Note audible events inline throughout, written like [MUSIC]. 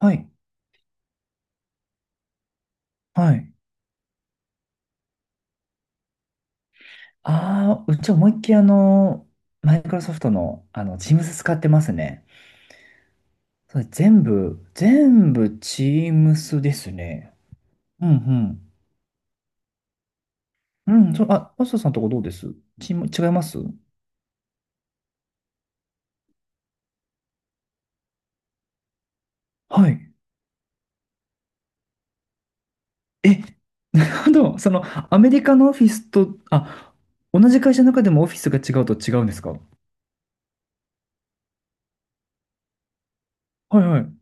はい、はい。ああ、うち思いっきりマイクロソフトの、Teams 使ってますね。それ全部 Teams ですね。うんうん。うん、そう、あ、マスターさんとこどうです？チーム、違います？はい。え、ただ、アメリカのオフィスと、あ、同じ会社の中でもオフィスが違うと違うんですか？はいはい。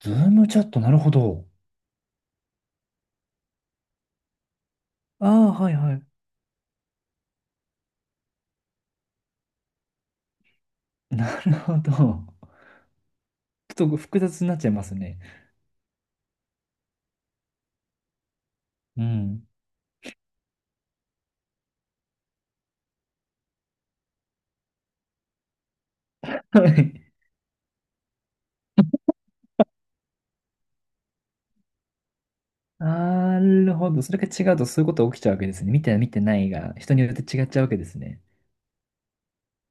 ズームチャット、なるほど。ああ、はいはい。なるほど。ちょっと複雑になっちゃいますね。うん。はい、なるほど。それが違うとそういうことが起きちゃうわけですね。見て見てないが、人によって違っちゃうわけですね。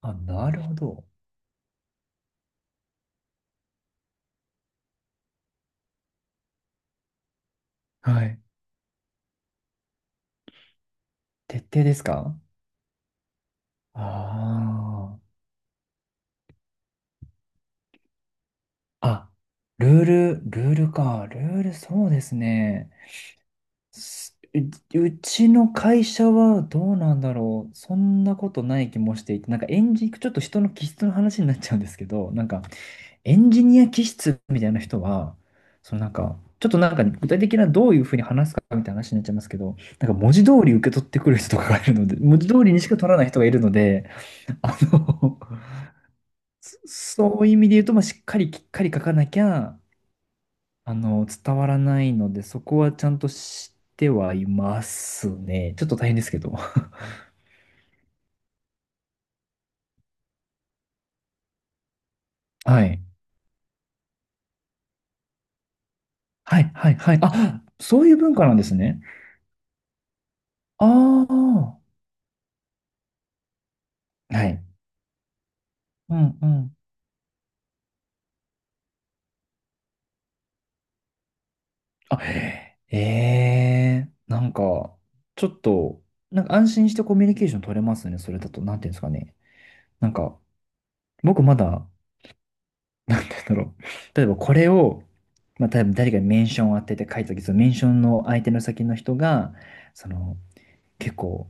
あ、なるほど。はい。徹底ですか？ああー。あ、ルール、ルールか。ルール、そうですね。す、う、うちの会社はどうなんだろう。そんなことない気もしていて、なんか演じ、ちょっと人の気質の話になっちゃうんですけど、なんか、エンジニア気質みたいな人は、そのなんか、ちょっとなんか具体的などういうふうに話すかみたいな話になっちゃいますけど、なんか文字通り受け取ってくる人とかがいるので、文字通りにしか取らない人がいるので、あの、そ [LAUGHS] そういう意味で言うと、まあ、しっかりきっかり書かなきゃ、伝わらないので、そこはちゃんと知ってはいますね。ちょっと大変ですけど。はい。はい、はい、はい。あ、そういう文化なんですね。ああ。はい。うん、うん。あ、ええなんか、ちょっと、なんか安心してコミュニケーション取れますね、それだと。なんていうんですかね。なんか、僕まだ、なんて言うんだろう。[LAUGHS] 例えばこれを、まあ、多分誰かにメンションを当てて書いたとき、そのメンションの相手の先の人が、その、結構、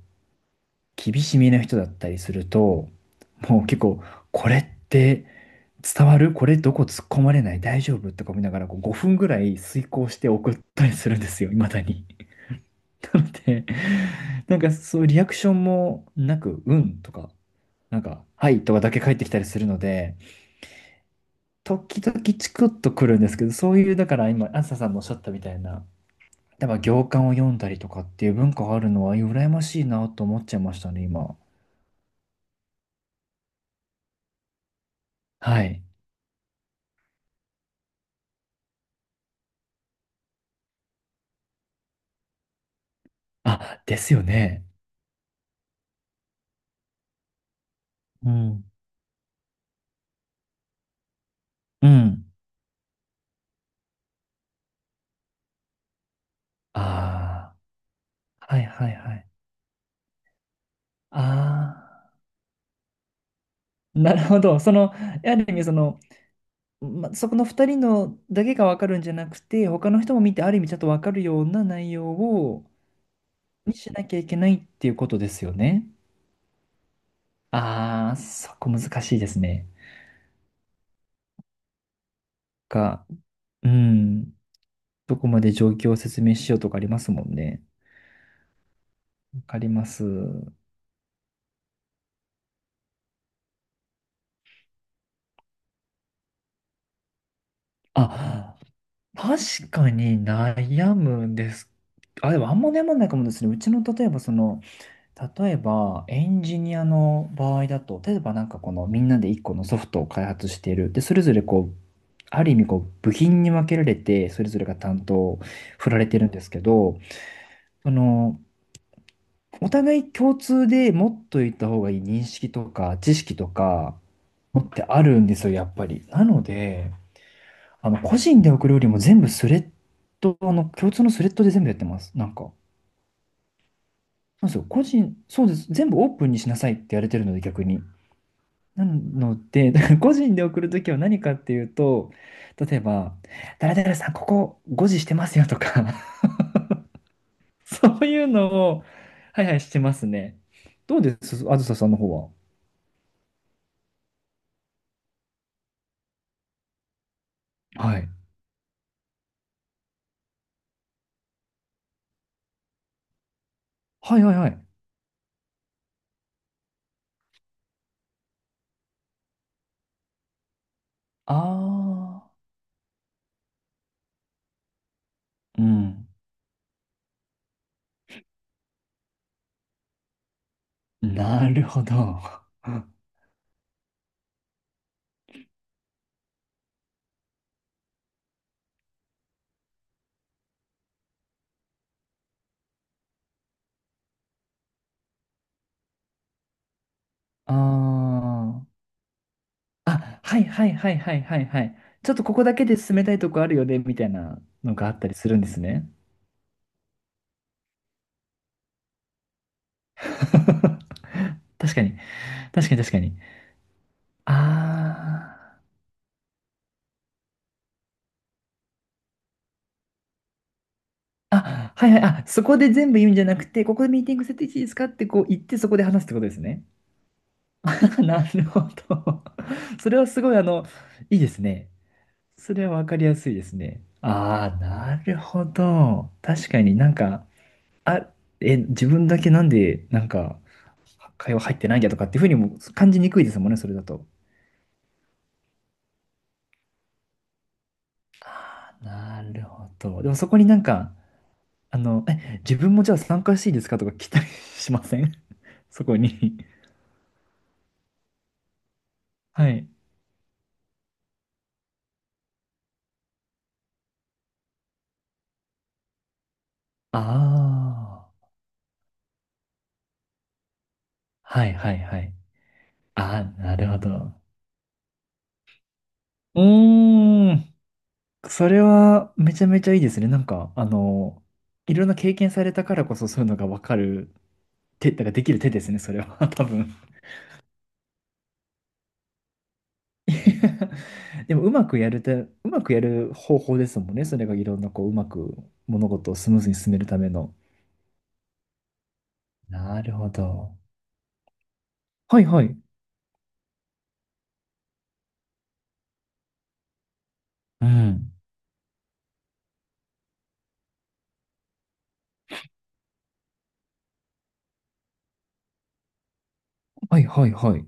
厳しめな人だったりすると、もう結構、これって伝わる？これどこ突っ込まれない？大丈夫？とか見ながら、こう5分ぐらい遂行して送ったりするんですよ、未だに。なので、なんかそういうリアクションもなく、うんとか、なんか、はいとかだけ返ってきたりするので、時々チクッとくるんですけど、そういう、だから今、あずささんのおっしゃったみたいな、例えば行間を読んだりとかっていう文化があるのは、羨ましいなと思っちゃいましたね、今。はい。あ、ですよね。うん。うん。ああ、はいはいはい。ああ、なるほど。や意りま、そこの2人のだけが分かるんじゃなくて、他の人も見てある意味ちゃんと分かるような内容をにしなきゃいけないっていうことですよね。ああ、そこ難しいですね。が、うん、どこまで状況を説明しようとかありますもんね。わかります。あ、確かに悩むんです。あ、でもあんま悩まないかもですね。うちの例えばその、例えば、エンジニアの場合だと、例えばなんかこのみんなで一個のソフトを開発している。で、それぞれこう、ある意味こう、部品に分けられて、それぞれが担当を振られてるんですけど、その、お互い共通で持っといた方がいい認識とか知識とか、持ってあるんですよ、やっぱり。なので、個人で送るよりも全部スレッド、あの、共通のスレッドで全部やってます。なんか。そうですよ。個人、そうです。全部オープンにしなさいってやれてるので、逆に。なので、[LAUGHS] だから個人で送るときは何かっていうと、例えば、誰々さん、ここ5時してますよとか。 [LAUGHS] そういうのを、はいはい、してますね。どうですあずささんの方は？はい。はいはいはい。あー、うん。なるほど。[LAUGHS] あー。あ、はいはいはいはいはいはい。ちょっとここだけで進めたいとこあるよね、みたいなのがあったりするんですね。[LAUGHS] 確かに、確かに確かに。あー。あ、はいはい、あ、そこで全部言うんじゃなくて、ここでミーティング設定していいですかってこう言って、そこで話すってことですね。[LAUGHS] なるほど。[LAUGHS] それはすごい、いいですね。それはわかりやすいですね。ああ、なるほど。確かになんか、あ、え、自分だけなんで、なんか、会話入ってないんだとかっていうふうにも感じにくいですもんね、それだと。なるほど。でもそこになんか、え、自分もじゃあ参加していいですかとか来たりしません？ [LAUGHS] そこに。はい。ああ。はいはいはい。ああ、なるほど。うーん。それはめちゃめちゃいいですね。なんか、いろんな経験されたからこそそういうのがわかる手、なんかできる手ですね、それは。[LAUGHS] 多分。[LAUGHS] いやでも、うまくやるて、うまくやる方法ですもんね。それがいろんな、こう、うまく物事をスムーズに進めるための。なるほど。はいはい。うん。はいはいはい。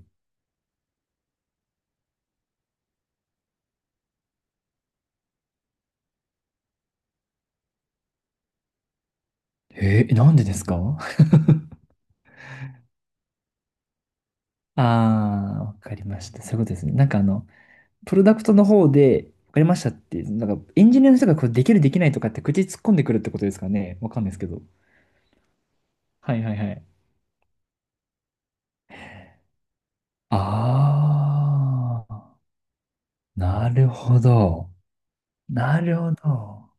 えー、なんでですか？ [LAUGHS] ああー、わかりました。そういうことですね。なんかあの、プロダクトの方で、わかりましたって、なんかエンジニアの人がこれできるできないとかって口突っ込んでくるってことですかね。わかんないですけど。はいはいはい。ああ、なるほど。なるほど。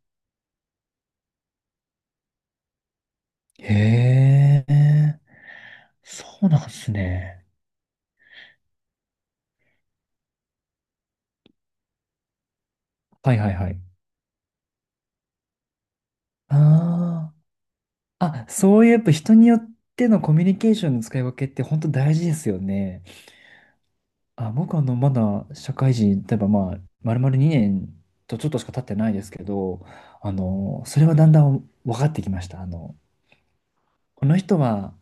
へえ、そうなんですね。はいはいはい。ああ、あ、そういうやっぱ人によってのコミュニケーションの使い分けって本当大事ですよね。あ、僕あの、まだ社会人、例えばまあ、丸々2年とちょっとしか経ってないですけど、それはだんだん分かってきました。あの、この人は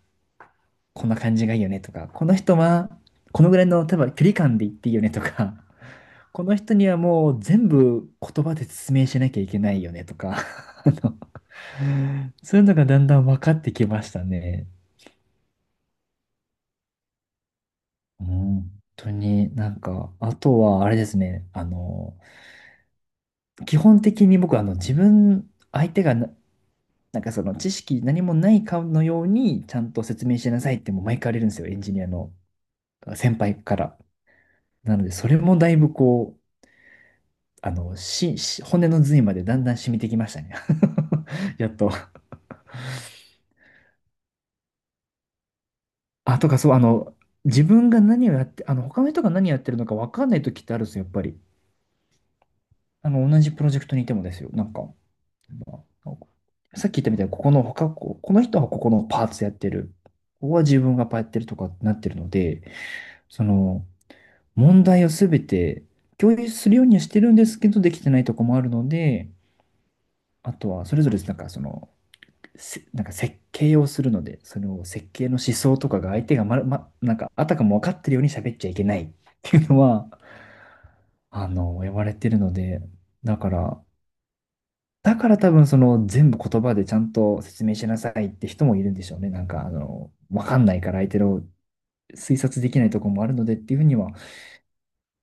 こんな感じがいいよねとか、この人はこのぐらいの、例えば距離感で言っていいよねとか、[LAUGHS] この人にはもう全部言葉で説明しなきゃいけないよねとか、[LAUGHS] あのそういうのがだんだん分かってきましたね。うん、本当になんか、あとはあれですね、基本的に僕、あの、自分、相手がな、なんかその知識何もないかのようにちゃんと説明しなさいってもう毎回言われるんですよ、エンジニアの先輩から。なので、それもだいぶこう、あの、し、し骨の髄までだんだん染みてきましたね。[LAUGHS] やっと。あ、とかそう、自分が何をやって、あの、他の人が何やってるのか分かんない時ってあるんですよ、やっぱり。あの、同じプロジェクトにいてもですよ。なんか、まあさっき言ったみたいに、ここの他、ここの人はここのパーツやってる。ここは自分がパーやってるとかなってるので、その、問題をすべて共有するようにはしてるんですけど、できてないとこもあるので、あとはそれぞれなんかその、せなんか設計をするので、その設計の思想とかが相手がまる、ま、なんかあたかも分かってるように喋っちゃいけないっていうのは、言われてるので、だから、だから多分その全部言葉でちゃんと説明しなさいって人もいるんでしょうね。なんかあの、分かんないから相手の推察できないとこもあるのでっていうふうには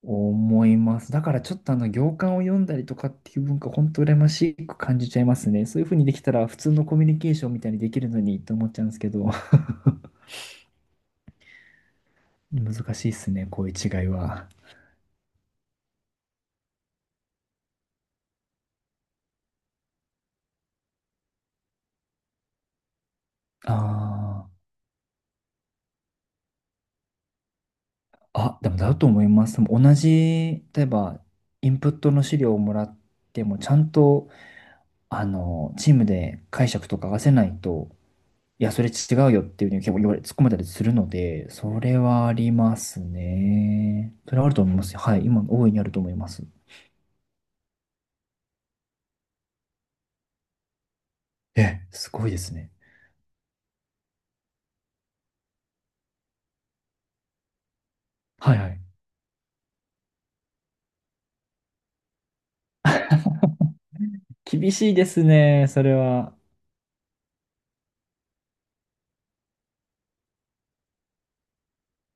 思います。だからちょっとあの行間を読んだりとかっていう文化、本当羨ましく感じちゃいますね。そういう風にできたら普通のコミュニケーションみたいにできるのにと思っちゃうんですけど、[LAUGHS] 難しいですね、こういう違いは。ああ、あ、でもだと思います。でも同じ、例えばインプットの資料をもらっても、ちゃんとあのチームで解釈とか合わせないと、いや、それ違うよっていうふうに結構言われ、突っ込まれたりするので、それはありますね。それはあると思いますよ。はい。今、大いにあると思います。え、すごいですね。はいはい。厳しいですね、それは。